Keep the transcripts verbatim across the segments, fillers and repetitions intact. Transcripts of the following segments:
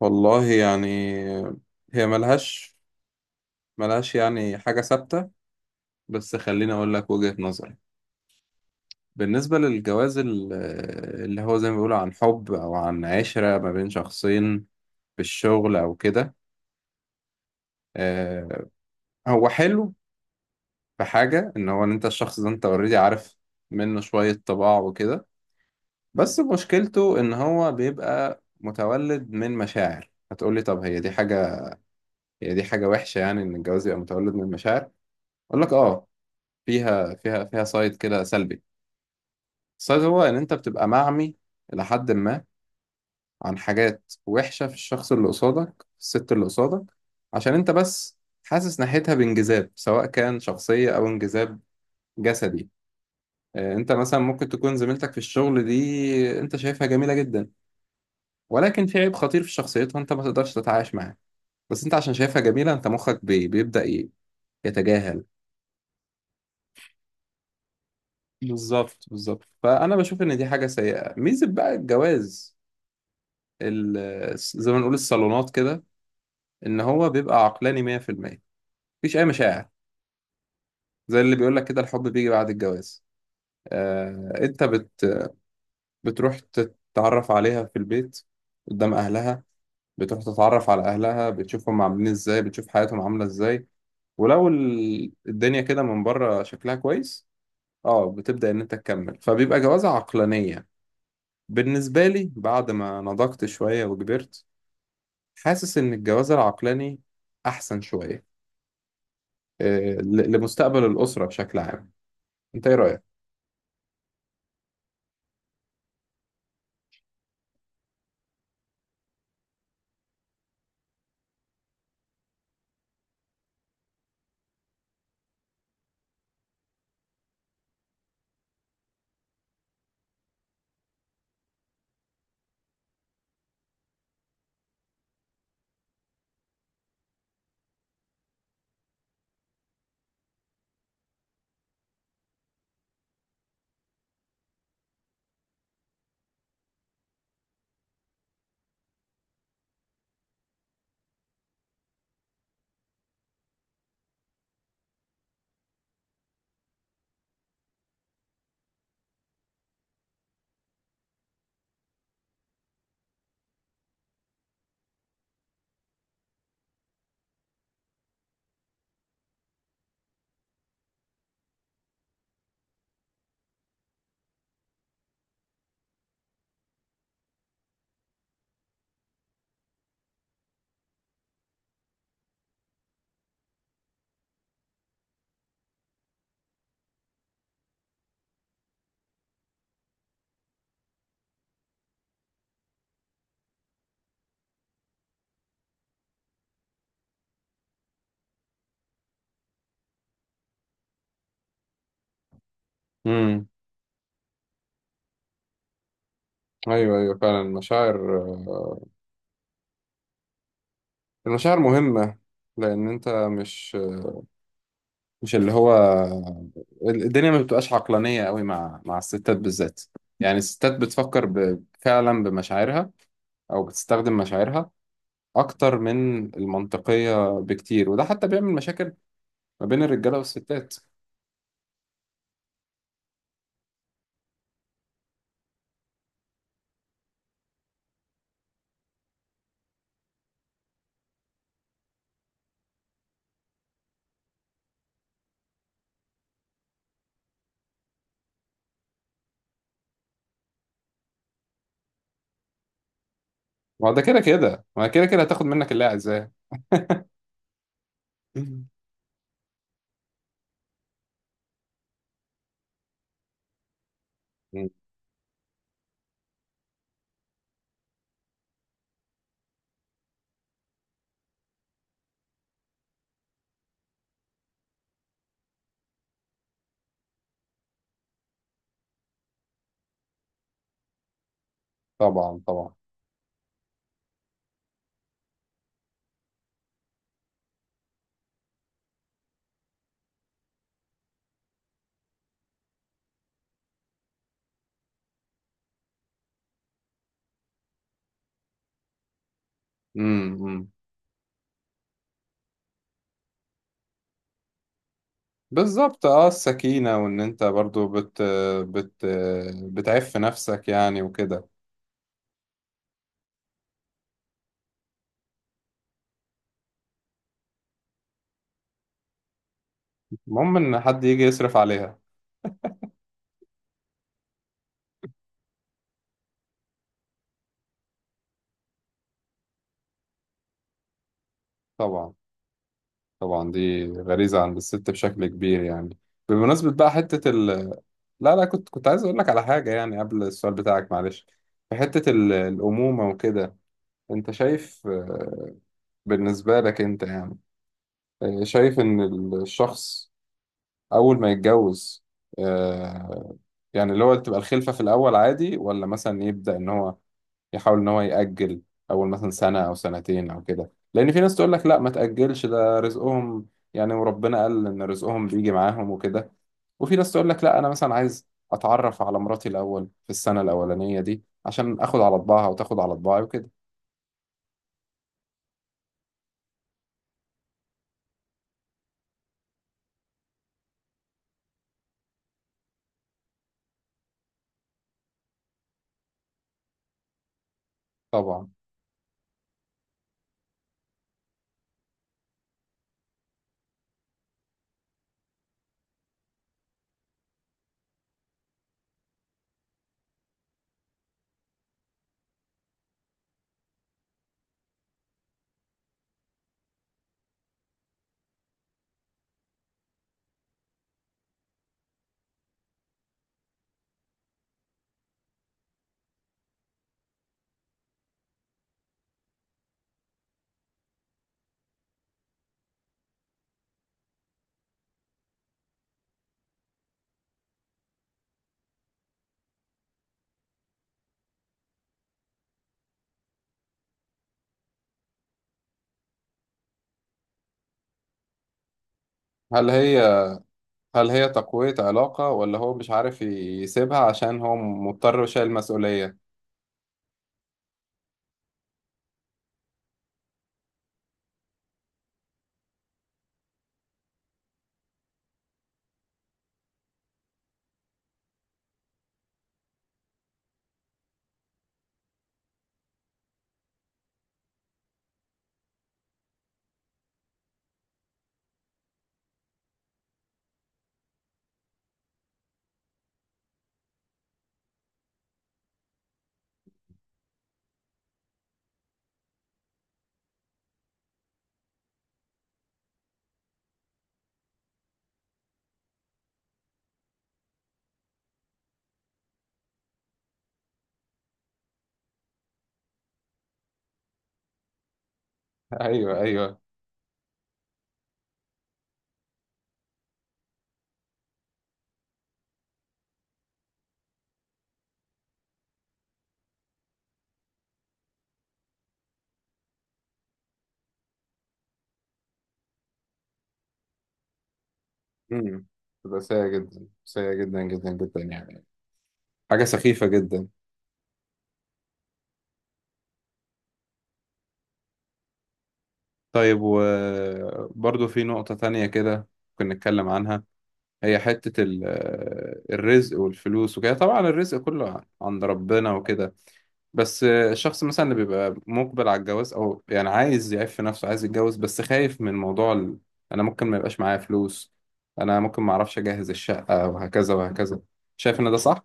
والله يعني هي ملهاش ملهاش يعني حاجة ثابتة. بس خليني أقول لك وجهة نظري. بالنسبة للجواز ال- اللي هو زي ما بيقولوا عن حب أو عن عشرة ما بين شخصين في الشغل أو كده، آه، هو حلو في حاجة إن هو إن أنت الشخص ده أنت أوريدي عارف منه شوية طباع وكده. بس مشكلته إن هو بيبقى متولد من مشاعر. هتقولي طب هي دي حاجة، هي دي حاجة وحشة يعني إن الجواز يبقى متولد من مشاعر؟ أقول لك آه، فيها فيها فيها سايد كده سلبي. السايد هو ان انت بتبقى معمي الى حد ما عن حاجات وحشه في الشخص اللي قصادك، في الست اللي قصادك، عشان انت بس حاسس ناحيتها بانجذاب، سواء كان شخصيه او انجذاب جسدي. آه، انت مثلا ممكن تكون زميلتك في الشغل دي انت شايفها جميله جدا، ولكن في عيب خطير في شخصيتها انت ما تقدرش تتعايش معاه. بس انت عشان شايفها جميله انت مخك بي- بيبدا ي- يتجاهل. بالظبط، بالظبط. فانا بشوف ان دي حاجه سيئه. ميزه بقى الجواز، ال- زي ما نقول الصالونات كده، ان هو بيبقى عقلاني مية بالمية، مفيش اي مشاعر. زي اللي بيقول لك كده الحب بيجي بعد الجواز. آه، انت بت بتروح تتعرف عليها في البيت قدام اهلها، بتروح تتعرف على اهلها، بتشوفهم عاملين ازاي، بتشوف حياتهم عاملة ازاي. ولو ال- الدنيا كده من بره شكلها كويس، اه بتبدأ ان انت تكمل، فبيبقى جوازة عقلانية. بالنسبة لي بعد ما نضجت شوية وكبرت، حاسس ان الجواز العقلاني احسن شوية، آه، ل- لمستقبل الأسرة بشكل عام. أنت إيه رأيك؟ امم ايوه، ايوه، فعلا المشاعر، آه، المشاعر مهمة. لان انت مش مش اللي هو الدنيا ما بتبقاش عقلانية قوي مع مع الستات بالذات. يعني الستات بتفكر ب... فعلا بمشاعرها او بتستخدم مشاعرها اكتر من المنطقية بكتير، وده حتى بيعمل مشاكل ما بين الرجالة والستات. ما هو ده كده كده، ما هي كده كده هتاخد منك اللي هي عايزاه. مم. طبعا، طبعا. امم بالظبط. اه السكينة، وان انت برضو بت بت بتعف نفسك يعني وكده. المهم ان حد يجي يصرف عليها. طبعا، طبعا، دي غريزة عند الست بشكل كبير يعني. بمناسبة بقى حتة ال لا لا، كنت كنت عايز اقول لك على حاجة يعني قبل السؤال بتاعك، معلش. في حتة ال- الأمومة وكده، انت شايف، آه، بالنسبة لك انت يعني، آه، شايف ان الشخص اول ما يتجوز، آه، يعني اللي هو تبقى الخلفة في الأول عادي، ولا مثلا يبدأ إن هو يحاول ان هو يأجل اول مثلا سنة او سنتين او كده؟ لان في ناس تقول لك لا ما تأجلش، ده رزقهم يعني، وربنا قال ان رزقهم بيجي معاهم وكده. وفي ناس تقول لك لا انا مثلا عايز اتعرف على مراتي الاول في السنة الاولانية دي عشان اخد على طباعها وتاخد على طباعي وكده. طبعا. هل هي هل هي تقوية علاقة، ولا هو مش عارف يسيبها عشان هو مضطر وشايل مسؤولية؟ ايوه، ايوه. امم تبقى سيئة جدا، سيئة جدا جدا جدا يعني، حاجة سخيفة جدا. طيب، وبرضه في نقطة تانية كده كنا نتكلم عنها. هي حتة ال- الرزق والفلوس وكده. طبعا الرزق كله عند ربنا وكده، بس الشخص مثلا اللي بيبقى مقبل على الجواز أو يعني عايز يعيش في نفسه، عايز يتجوز بس خايف من موضوع ال... أنا ممكن ما يبقاش معايا فلوس، أنا ممكن ما أعرفش أجهز الشقة وهكذا وهكذا. شايف إن ده صح؟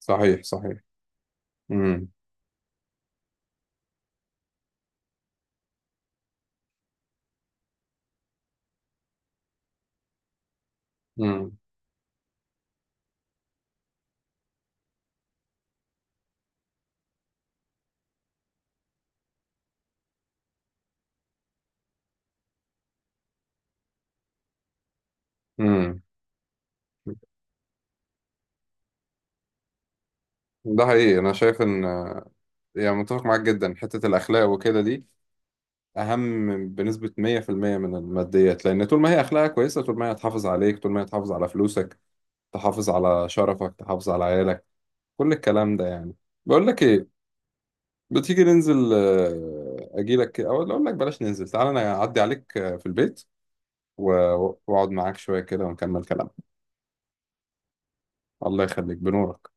صحيح، صحيح. امم امم امم ده حقيقي، أنا شايف إن، يعني متفق معاك جدا. حتة الأخلاق وكده دي أهم بنسبة مية بالمية من الماديات، لأن طول ما هي أخلاقها كويسة طول ما هي هتحافظ عليك، طول ما هي هتحافظ على فلوسك، تحافظ على شرفك، تحافظ على عيالك. كل الكلام ده يعني، بقول لك إيه، بتيجي ننزل، آه، أجيلك كده- أو أقول لك بلاش ننزل، تعالى أنا أعدي عليك آه، في البيت و- وأقعد معاك شوية كده ونكمل كلام. الله يخليك، بنورك.